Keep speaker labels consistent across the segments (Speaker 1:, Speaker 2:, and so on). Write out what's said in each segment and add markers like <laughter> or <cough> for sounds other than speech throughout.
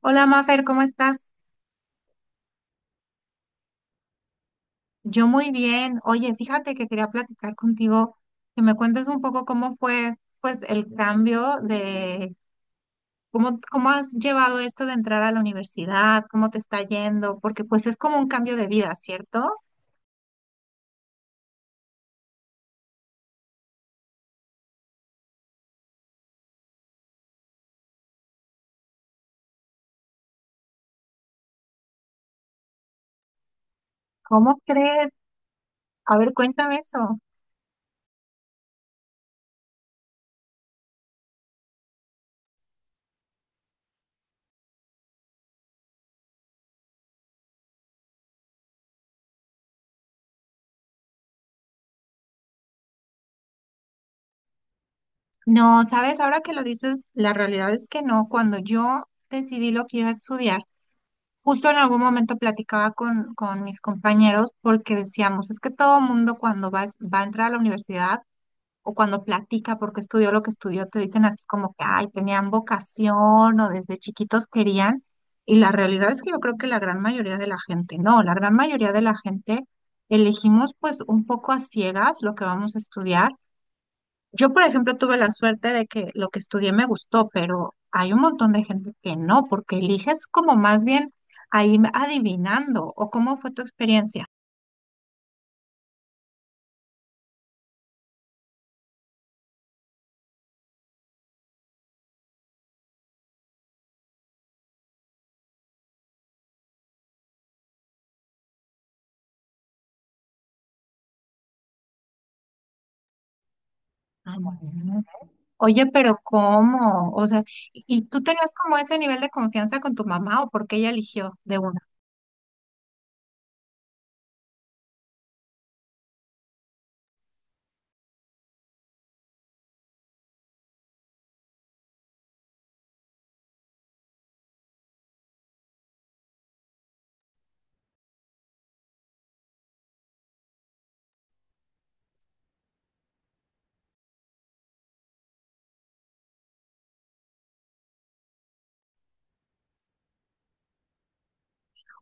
Speaker 1: Hola Mafer, ¿cómo estás? Yo muy bien. Oye, fíjate que quería platicar contigo, que me cuentes un poco cómo fue, pues, el cambio de cómo has llevado esto de entrar a la universidad, cómo te está yendo, porque pues es como un cambio de vida, ¿cierto? ¿Cómo crees? A ver, cuéntame eso. No, sabes, ahora que lo dices, la realidad es que no. Cuando yo decidí lo que iba a estudiar, justo en algún momento platicaba con mis compañeros porque decíamos, es que todo mundo cuando va a entrar a la universidad o cuando platica porque estudió lo que estudió, te dicen así como que, ay, tenían vocación o desde chiquitos querían. Y la realidad es que yo creo que la gran mayoría de la gente, no, la gran mayoría de la gente elegimos pues un poco a ciegas lo que vamos a estudiar. Yo, por ejemplo, tuve la suerte de que lo que estudié me gustó, pero hay un montón de gente que no, porque eliges como más bien ahí adivinando, o cómo fue tu experiencia. Ah, bueno. Oye, pero ¿cómo? O sea, ¿y tú tenías como ese nivel de confianza con tu mamá o porque ella eligió de una?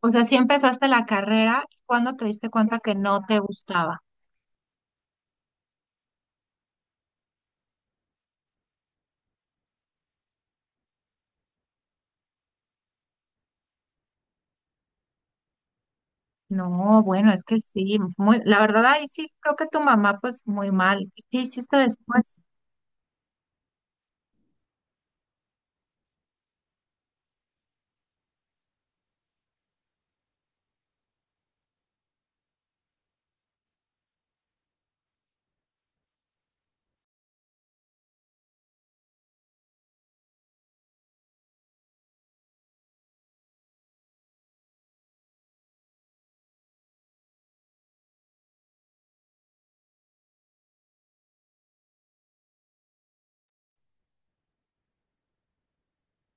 Speaker 1: O sea, si empezaste la carrera, ¿cuándo te diste cuenta que no te gustaba? No, bueno, es que sí, muy, la verdad ahí sí creo que tu mamá pues muy mal. ¿Y qué hiciste después?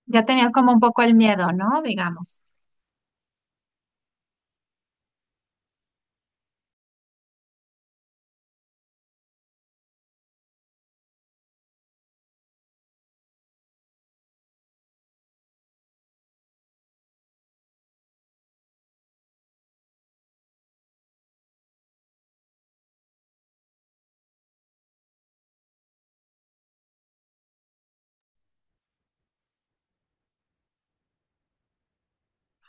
Speaker 1: Ya tenías como un poco el miedo, ¿no? Digamos.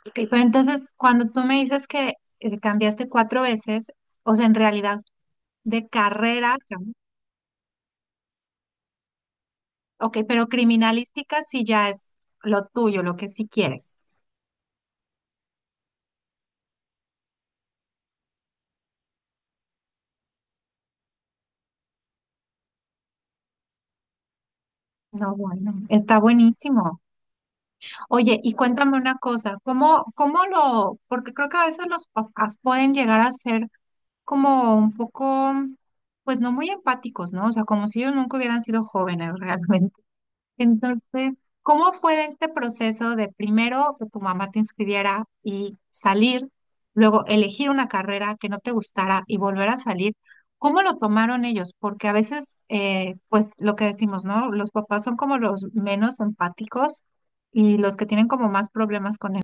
Speaker 1: Ok, pero entonces cuando tú me dices que cambiaste cuatro veces, o sea, en realidad de carrera, cam- ok, pero criminalística sí ya es lo tuyo, lo que sí quieres. No, bueno, está buenísimo. Oye, y cuéntame una cosa, ¿cómo, cómo lo, porque creo que a veces los papás pueden llegar a ser como un poco, pues no muy empáticos, ¿no? O sea, como si ellos nunca hubieran sido jóvenes <laughs> realmente. Entonces, ¿cómo fue este proceso de primero que tu mamá te inscribiera y salir, luego elegir una carrera que no te gustara y volver a salir? ¿Cómo lo tomaron ellos? Porque a veces, pues lo que decimos, ¿no? Los papás son como los menos empáticos y los que tienen como más problemas con él.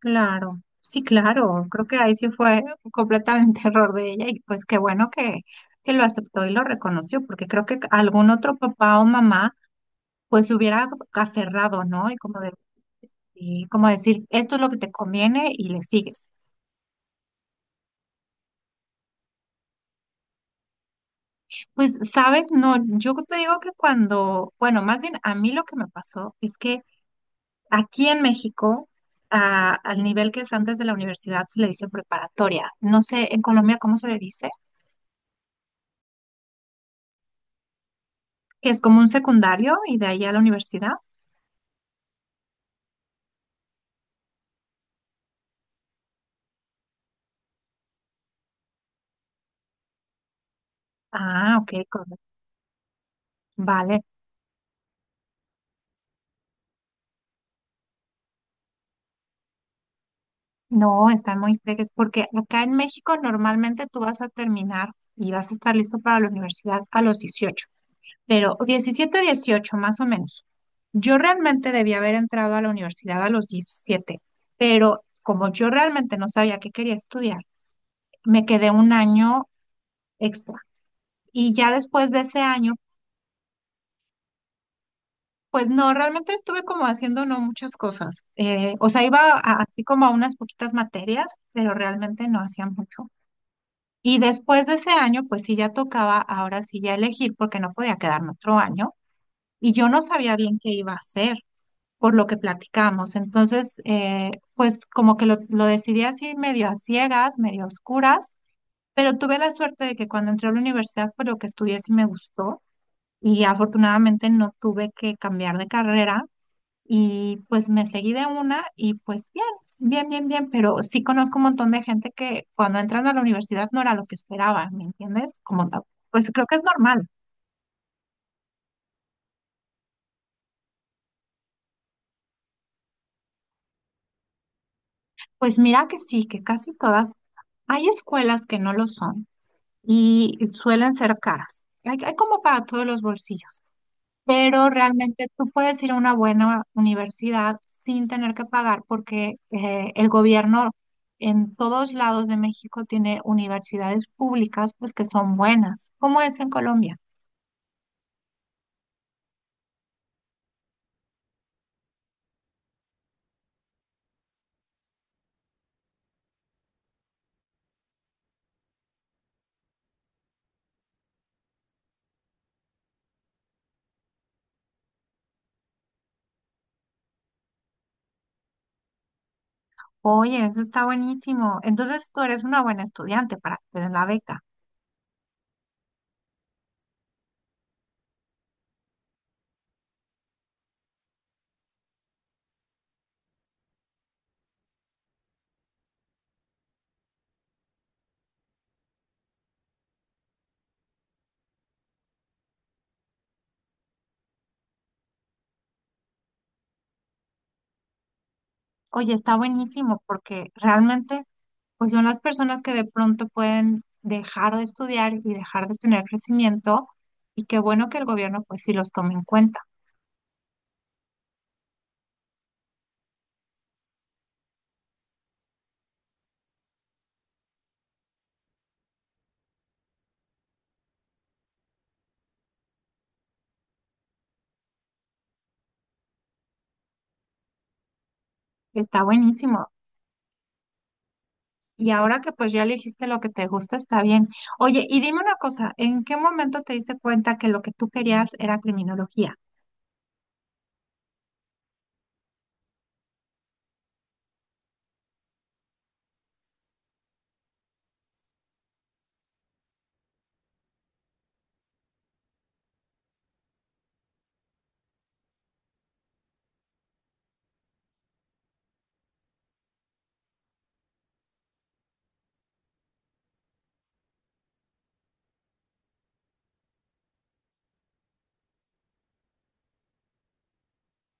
Speaker 1: Claro, sí, claro. Creo que ahí sí fue completamente <laughs> error de ella y pues qué bueno que lo aceptó y lo reconoció, porque creo que algún otro papá o mamá pues se hubiera aferrado, ¿no? Y como de, y como decir, esto es lo que te conviene y le sigues. Pues, sabes, no, yo te digo que cuando, bueno, más bien a mí lo que me pasó es que aquí en México, al nivel que es antes de la universidad, se le dice preparatoria. No sé, en Colombia, ¿cómo se le dice? Que es como un secundario y de ahí a la universidad. Ah, ok, correcto. Vale. No, están muy peques, porque acá en México normalmente tú vas a terminar y vas a estar listo para la universidad a los 18, pero 17 18 más o menos. Yo realmente debía haber entrado a la universidad a los 17, pero como yo realmente no sabía qué quería estudiar, me quedé un año extra. Y ya después de ese año, pues no, realmente estuve como haciendo no muchas cosas. O sea, así como a unas poquitas materias, pero realmente no hacía mucho. Y después de ese año, pues sí ya tocaba ahora sí ya elegir porque no podía quedarme otro año y yo no sabía bien qué iba a hacer por lo que platicamos. Entonces, pues como que lo decidí así medio a ciegas, medio a oscuras, pero tuve la suerte de que cuando entré a la universidad, pues lo que estudié sí me gustó y afortunadamente no tuve que cambiar de carrera y pues me seguí de una y pues bien, bien, bien, bien, pero sí conozco un montón de gente que cuando entran a la universidad no era lo que esperaba, ¿me entiendes? Como, ta- pues creo que es normal. Pues mira que sí, que casi todas, hay escuelas que no lo son y suelen ser caras. Hay como para todos los bolsillos. Pero realmente tú puedes ir a una buena universidad sin tener que pagar porque el gobierno en todos lados de México tiene universidades públicas pues que son buenas, como es en Colombia. Oye, eso está buenísimo. Entonces tú eres una buena estudiante para que te den la beca. Oye, está buenísimo porque realmente pues son las personas que de pronto pueden dejar de estudiar y dejar de tener crecimiento y qué bueno que el gobierno pues sí los tome en cuenta. Está buenísimo. Y ahora que pues ya elegiste lo que te gusta, está bien. Oye, y dime una cosa, ¿en qué momento te diste cuenta que lo que tú querías era criminología?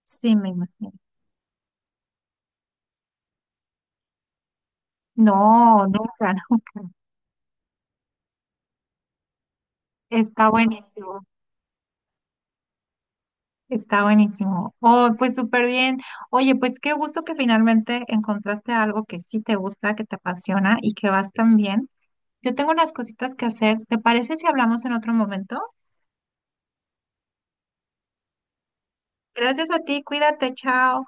Speaker 1: Sí, me imagino. No, nunca, <laughs> nunca. Está buenísimo, está buenísimo. Oh, pues súper bien. Oye, pues qué gusto que finalmente encontraste algo que sí te gusta, que te apasiona y que vas tan bien. Yo tengo unas cositas que hacer. ¿Te parece si hablamos en otro momento? Gracias a ti, cuídate, chao.